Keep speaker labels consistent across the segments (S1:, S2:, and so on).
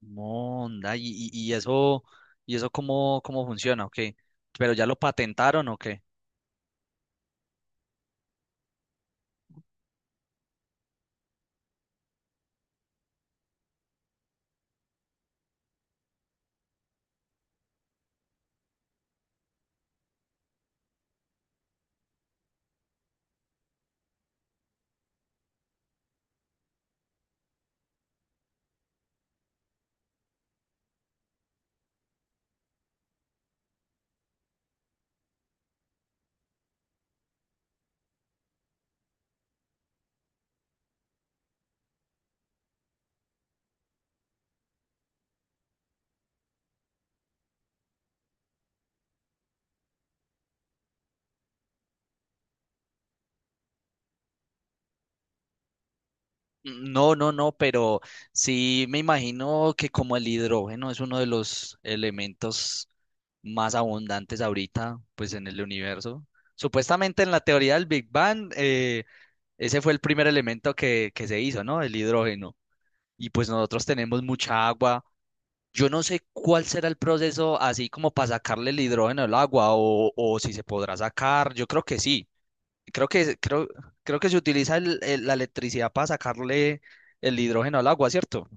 S1: Monda. ¿Y eso cómo funciona? ¿O ¿Pero ya lo patentaron o qué? No, pero sí me imagino que como el hidrógeno es uno de los elementos más abundantes ahorita, pues en el universo. Supuestamente en la teoría del Big Bang, ese fue el primer elemento que se hizo, ¿no? El hidrógeno. Y pues nosotros tenemos mucha agua. Yo no sé cuál será el proceso así como para sacarle el hidrógeno al agua o si se podrá sacar. Yo creo que sí. Creo que, creo, creo que se utiliza la electricidad para sacarle el hidrógeno al agua, ¿cierto?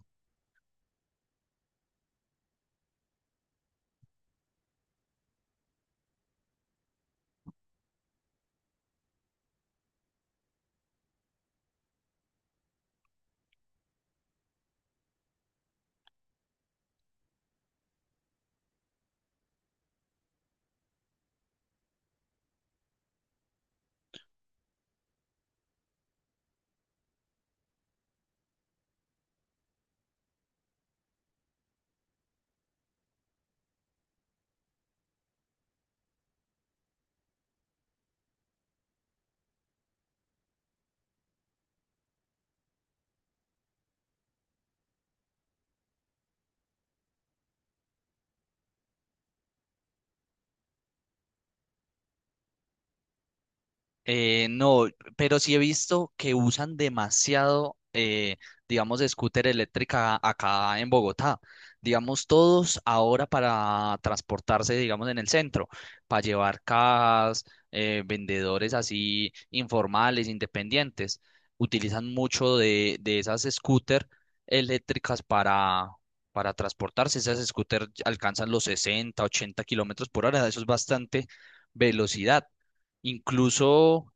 S1: No, pero sí he visto que usan demasiado, digamos, scooter eléctrica acá en Bogotá. Digamos, todos ahora para transportarse, digamos, en el centro, para llevar cajas, vendedores así informales, independientes, utilizan mucho de esas scooter eléctricas para transportarse. Esas scooter alcanzan los 60, 80 kilómetros por hora, eso es bastante velocidad. Incluso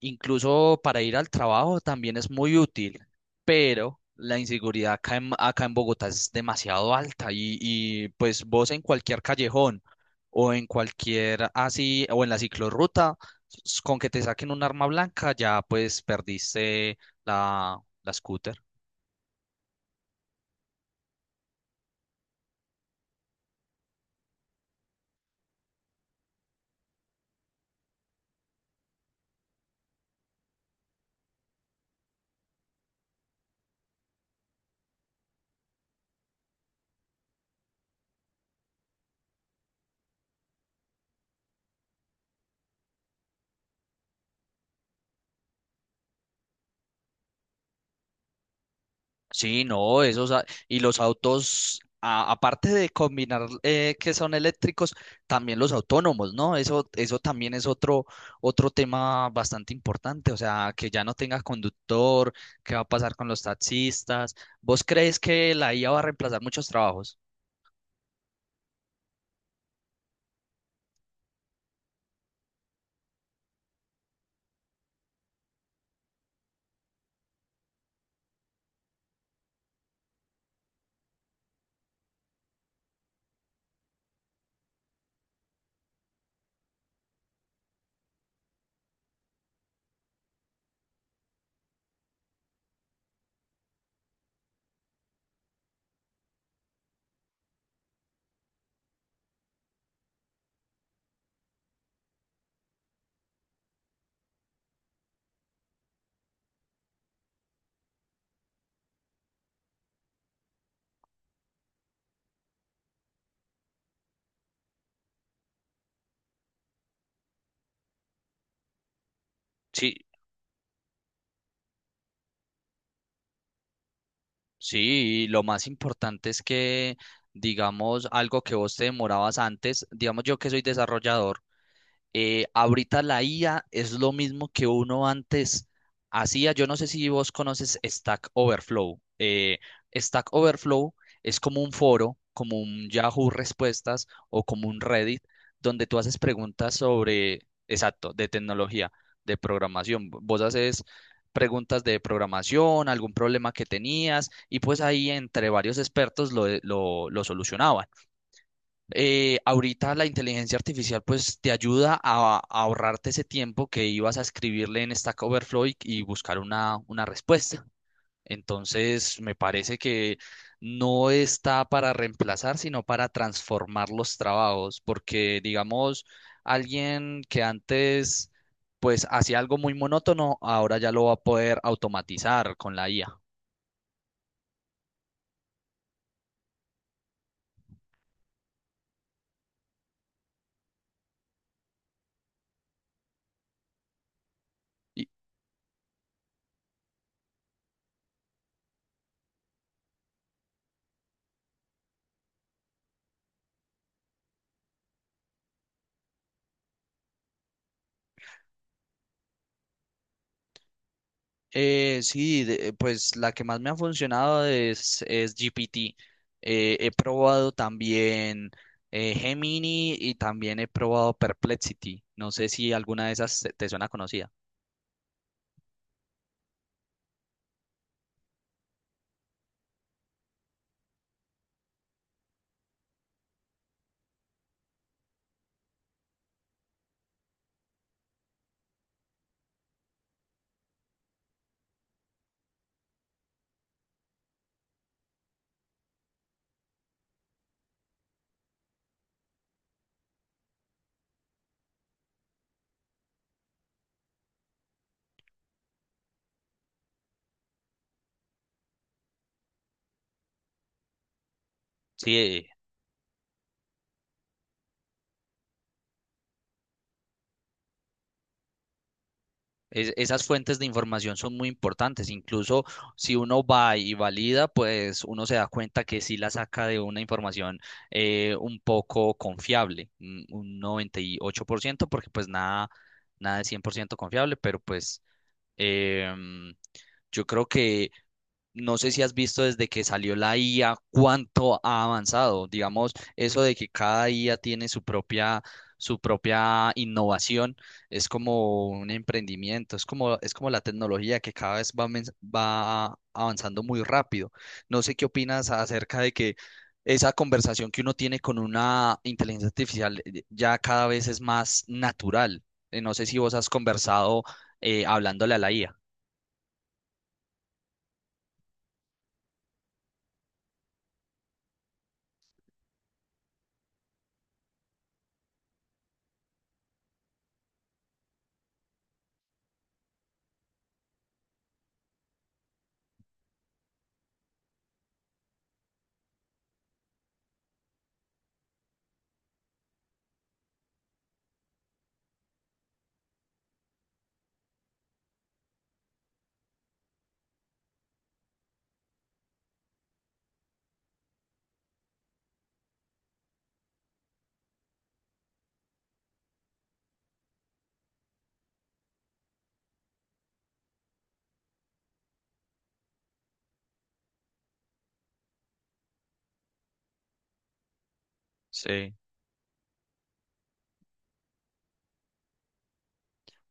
S1: Incluso para ir al trabajo también es muy útil, pero la inseguridad acá acá en Bogotá es demasiado alta y, pues vos en cualquier callejón o en cualquier así o en la ciclorruta, con que te saquen un arma blanca ya pues perdiste la, la scooter. Sí, no, y los autos, aparte de combinar que son eléctricos, también los autónomos, ¿no? Eso también es otro, otro tema bastante importante, o sea, que ya no tenga conductor, qué va a pasar con los taxistas. ¿Vos crees que la IA va a reemplazar muchos trabajos? Sí, sí, y lo más importante es que, digamos, algo que vos te demorabas antes, digamos yo que soy desarrollador. Ahorita la IA es lo mismo que uno antes hacía. Yo no sé si vos conoces Stack Overflow. Stack Overflow es como un foro, como un Yahoo Respuestas o como un Reddit, donde tú haces preguntas sobre, exacto, de tecnología, de programación. Vos haces preguntas de programación, algún problema que tenías, y pues ahí entre varios expertos lo solucionaban. Ahorita la inteligencia artificial pues te ayuda a ahorrarte ese tiempo que ibas a escribirle en Stack Overflow y buscar una respuesta. Entonces, me parece que no está para reemplazar, sino para transformar los trabajos, porque digamos, alguien que antes pues hacía algo muy monótono, ahora ya lo va a poder automatizar con la IA. Pues la que más me ha funcionado es GPT. He probado también Gemini y también he probado Perplexity. No sé si alguna de esas te suena conocida. Sí, esas fuentes de información son muy importantes. Incluso si uno va y valida, pues uno se da cuenta que sí la saca de una información un poco confiable, un 98%, porque pues nada, nada es 100% confiable, pero pues em, yo creo que no sé si has visto desde que salió la IA cuánto ha avanzado. Digamos, eso de que cada IA tiene su propia innovación, es como un emprendimiento, es como la tecnología que cada vez va avanzando muy rápido. No sé qué opinas acerca de que esa conversación que uno tiene con una inteligencia artificial ya cada vez es más natural. No sé si vos has conversado hablándole a la IA. Sí.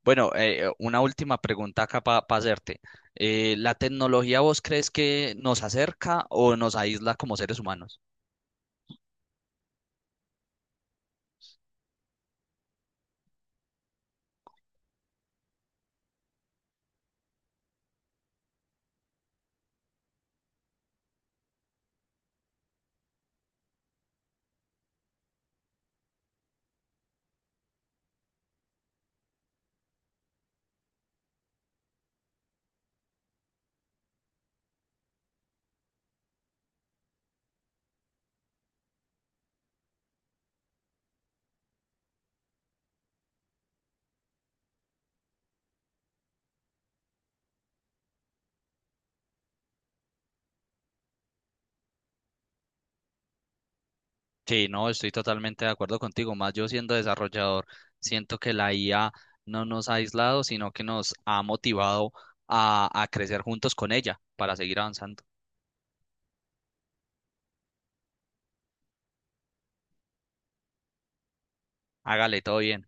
S1: Bueno, una última pregunta acá para hacerte. ¿La tecnología vos crees que nos acerca o nos aísla como seres humanos? Sí, no, estoy totalmente de acuerdo contigo. Más yo siendo desarrollador, siento que la IA no nos ha aislado, sino que nos ha motivado a crecer juntos con ella para seguir avanzando. Hágale, todo bien.